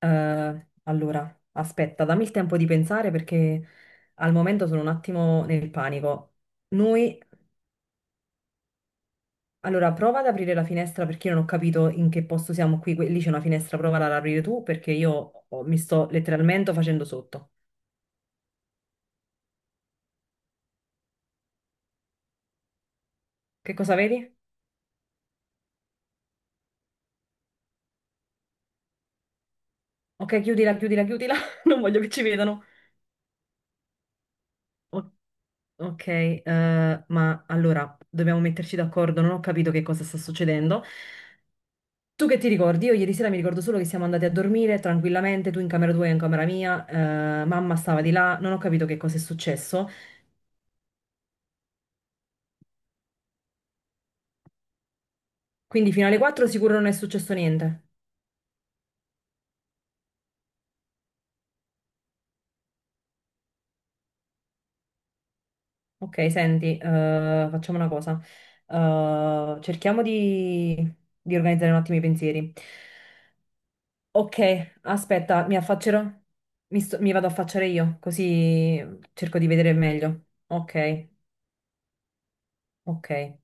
Aspetta, dammi il tempo di pensare perché al momento sono un attimo nel panico. Noi, prova ad aprire la finestra perché io non ho capito in che posto siamo qui. Lì c'è una finestra, prova ad aprire tu perché mi sto letteralmente facendo sotto. Che cosa vedi? Ok, chiudila, chiudila, chiudila. Non voglio che ci vedano. O- ok, ma allora, dobbiamo metterci d'accordo. Non ho capito che cosa sta succedendo. Tu che ti ricordi? Io ieri sera mi ricordo solo che siamo andati a dormire tranquillamente, tu in camera tua e io in camera mia, mamma stava di là, non ho capito che cosa è successo, quindi fino alle 4 sicuro non è successo niente. Ok, senti, facciamo una cosa. Cerchiamo di organizzare un attimo i pensieri. Ok, aspetta, mi affaccerò? Mi vado a affacciare io, così cerco di vedere meglio. Ok, ok.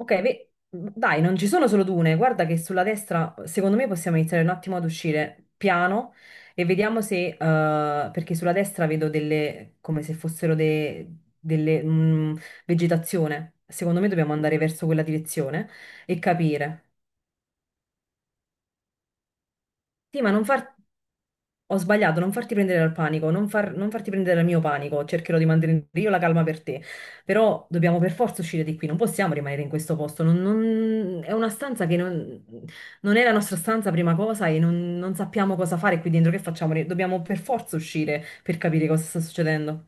Ok, dai, non ci sono solo dune. Guarda che sulla destra, secondo me, possiamo iniziare un attimo ad uscire piano e vediamo se, perché sulla destra vedo delle, come se fossero delle, mm, vegetazione. Secondo me dobbiamo andare verso quella direzione e capire. Sì, ma non far... Ho sbagliato, non farti prendere dal panico, non farti prendere dal mio panico, cercherò di mantenere io la calma per te, però dobbiamo per forza uscire di qui, non possiamo rimanere in questo posto, è una stanza che non è la nostra stanza prima cosa e non, non sappiamo cosa fare qui dentro, che facciamo? Dobbiamo per forza uscire per capire cosa sta succedendo.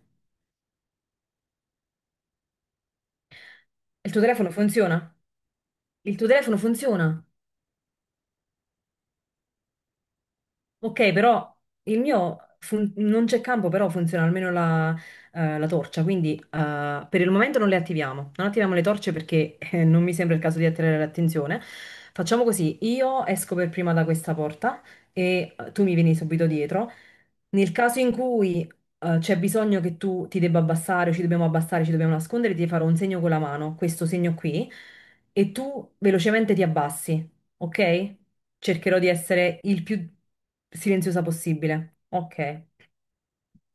Il tuo telefono funziona? Il tuo telefono funziona? Ok, però non c'è campo, però funziona almeno la torcia, quindi per il momento non le attiviamo. Non attiviamo le torce perché non mi sembra il caso di attirare l'attenzione. Facciamo così, io esco per prima da questa porta e tu mi vieni subito dietro. Nel caso in cui c'è bisogno che tu ti debba abbassare, o ci dobbiamo abbassare, ci dobbiamo nascondere, ti farò un segno con la mano, questo segno qui, e tu velocemente ti abbassi, ok? Cercherò di essere il più silenziosa possibile. Ok,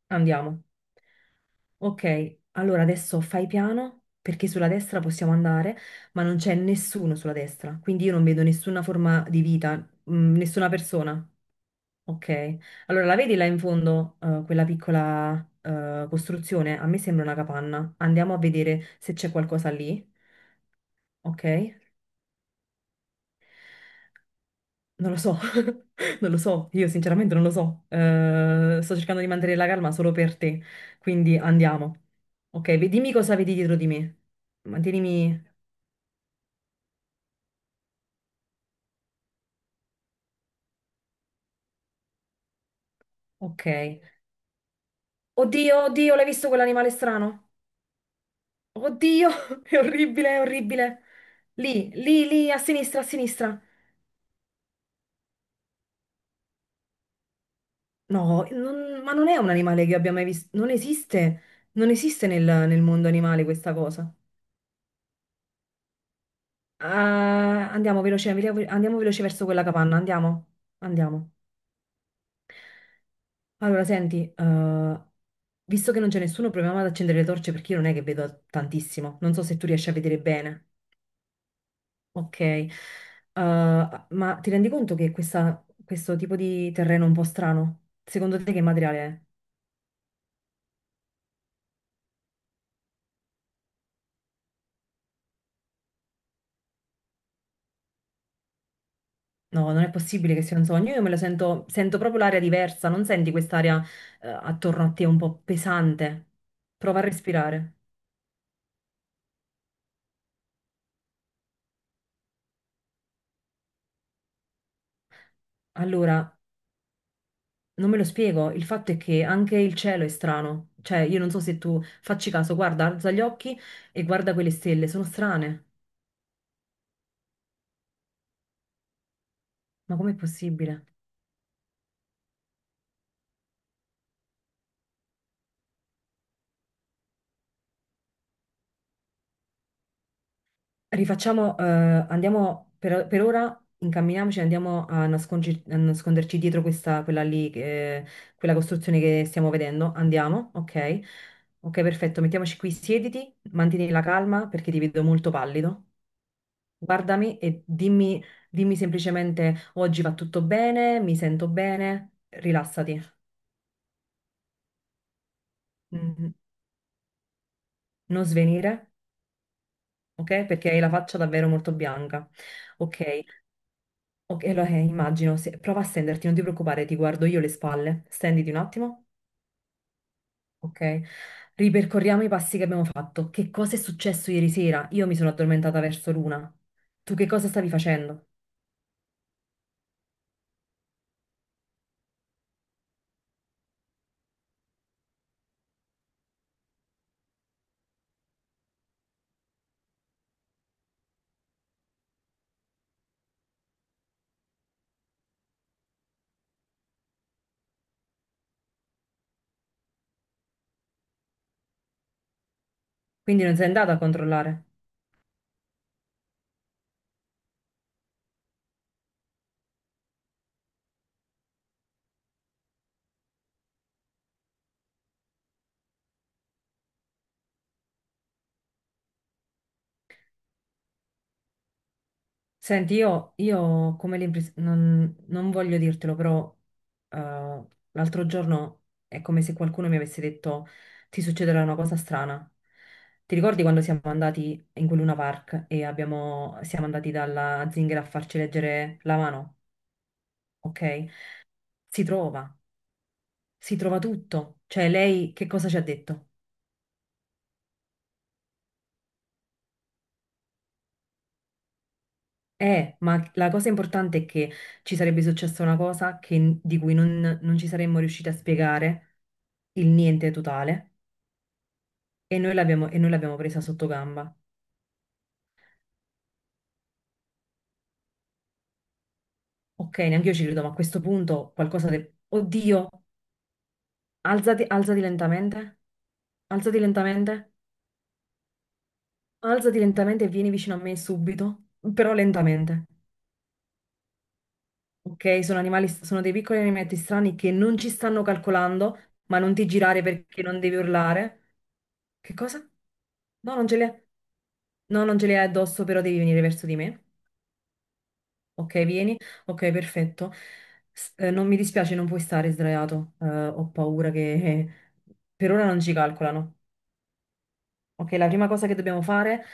andiamo. Ok, allora adesso fai piano perché sulla destra possiamo andare, ma non c'è nessuno sulla destra, quindi io non vedo nessuna forma di vita, nessuna persona. Ok, allora la vedi là in fondo, quella piccola, costruzione? A me sembra una capanna. Andiamo a vedere se c'è qualcosa lì. Ok? Non lo so, non lo so, io sinceramente non lo so. Sto cercando di mantenere la calma solo per te, quindi andiamo. Ok, dimmi cosa vedi dietro di me. Mantienimi... Ok. Oddio, oddio, l'hai visto quell'animale strano? Oddio, è orribile, è orribile. Lì, lì, lì, a sinistra, a sinistra. No, ma non è un animale che abbia mai visto. Non esiste, non esiste nel mondo animale questa cosa. Ah, andiamo veloce verso quella capanna, andiamo, andiamo. Allora, senti, visto che non c'è nessuno, proviamo ad accendere le torce perché io non è che vedo tantissimo. Non so se tu riesci a vedere bene. Ok. Ma ti rendi conto che questo tipo di terreno è un po' strano? Secondo te che materiale è? No, non è possibile che sia un sogno. Io me lo sento, sento proprio l'aria diversa. Non senti quest'aria, attorno a te un po' pesante? Prova a respirare. Allora, Non me lo spiego, il fatto è che anche il cielo è strano, cioè io non so se tu facci caso, guarda, alza gli occhi e guarda quelle stelle, sono strane, ma com'è possibile? Rifacciamo, andiamo per ora, incamminiamoci, a nasconderci dietro quella lì, quella costruzione che stiamo vedendo, andiamo, ok? Ok, perfetto, mettiamoci qui, siediti, mantieni la calma perché ti vedo molto pallido. Guardami e dimmi, dimmi semplicemente oggi va tutto bene, mi sento bene, rilassati. Mm, Non svenire, ok? Perché hai la faccia davvero molto bianca. Ok, ok, allora, immagino, prova a stenderti, non ti preoccupare, ti guardo io le spalle, stenditi un attimo, ok? Ripercorriamo i passi che abbiamo fatto. Che cosa è successo ieri sera? Io mi sono addormentata verso l'una. Tu che cosa stavi facendo? Quindi non sei andata a controllare. Senti, io ho come l'impressione, non, non voglio dirtelo, però eh, l'altro giorno è come se qualcuno mi avesse detto ti succederà una cosa strana. Ti ricordi quando siamo andati in quel Luna Park e siamo andati dalla zingara a farci leggere la mano? Ok? Si trova, si trova tutto. Cioè, lei che cosa ci ha detto? Ma la cosa importante è che ci sarebbe successa una cosa di cui non non ci saremmo riusciti a spiegare, il niente totale. E noi l'abbiamo presa sotto gamba. Ok, neanche io ci credo, ma a questo punto qualcosa di... Oddio, alzati, alzati lentamente, alzati lentamente, alzati lentamente e vieni vicino a me subito, però lentamente. Ok, sono animali, sono dei piccoli animaletti strani che non ci stanno calcolando, ma non ti girare perché non devi urlare. Che cosa? No, non ce li hai, no, non ce li hai addosso, però devi venire verso di me. Ok, vieni. Ok, perfetto. Non mi dispiace, non puoi stare sdraiato. Ho paura che per ora non ci calcolano. Ok, la prima cosa che dobbiamo fare,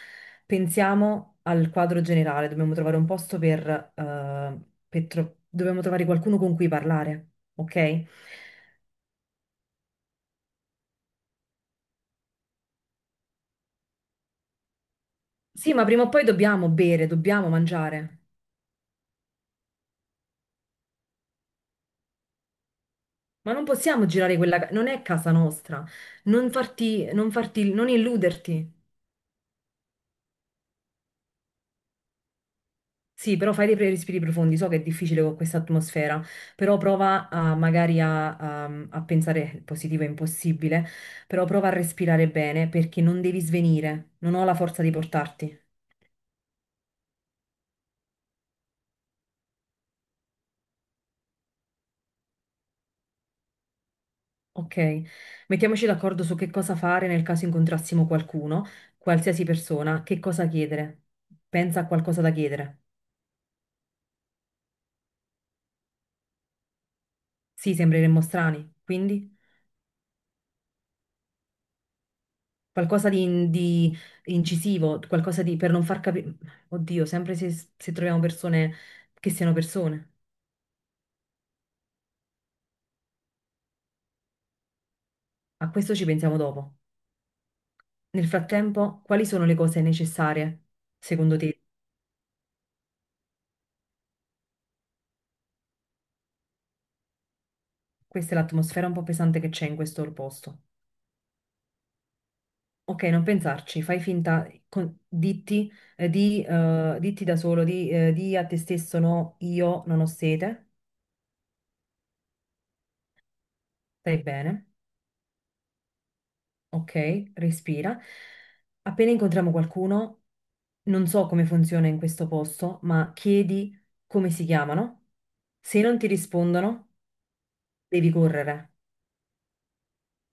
pensiamo al quadro generale. Dobbiamo trovare un posto per, eh, dobbiamo trovare qualcuno con cui parlare. Ok? Sì, ma prima o poi dobbiamo bere, dobbiamo mangiare. Ma non possiamo girare quella... Non è casa nostra. Non farti, non farti, non illuderti. Sì, però fai dei respiri profondi, so che è difficile con questa atmosfera, però prova magari a pensare, il positivo è impossibile, però prova a respirare bene perché non devi svenire, non ho la forza di portarti, ok? Mettiamoci d'accordo su che cosa fare nel caso incontrassimo qualcuno, qualsiasi persona, che cosa chiedere. Pensa a qualcosa da chiedere. Sì, sembreremmo strani, quindi... Qualcosa di incisivo, qualcosa di per non far capire. Oddio, sempre se troviamo persone che siano persone. A questo ci pensiamo dopo. Nel frattempo, quali sono le cose necessarie, secondo te? Questa è l'atmosfera un po' pesante che c'è in questo posto. Ok, non pensarci, fai finta, ditti da solo, di a te stesso, no, io non ho sete, stai bene. Ok, respira. Appena incontriamo qualcuno, non so come funziona in questo posto, ma chiedi come si chiamano. Se non ti rispondono, devi correre.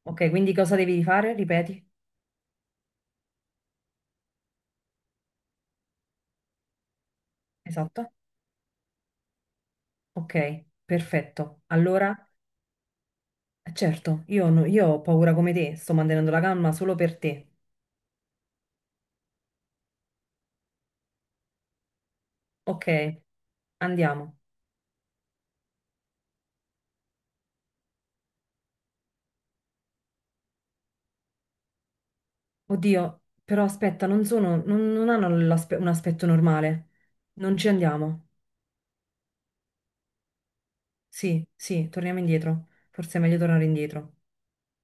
Ok, quindi cosa devi fare? Ripeti. Esatto. Ok, perfetto. Allora, certo, io, no- io ho paura come te, sto mantenendo la calma solo per te. Ok, andiamo. Oddio, però aspetta, non sono, non hanno un aspetto normale. Non ci andiamo. Sì, sì, torniamo indietro. Forse è meglio tornare indietro.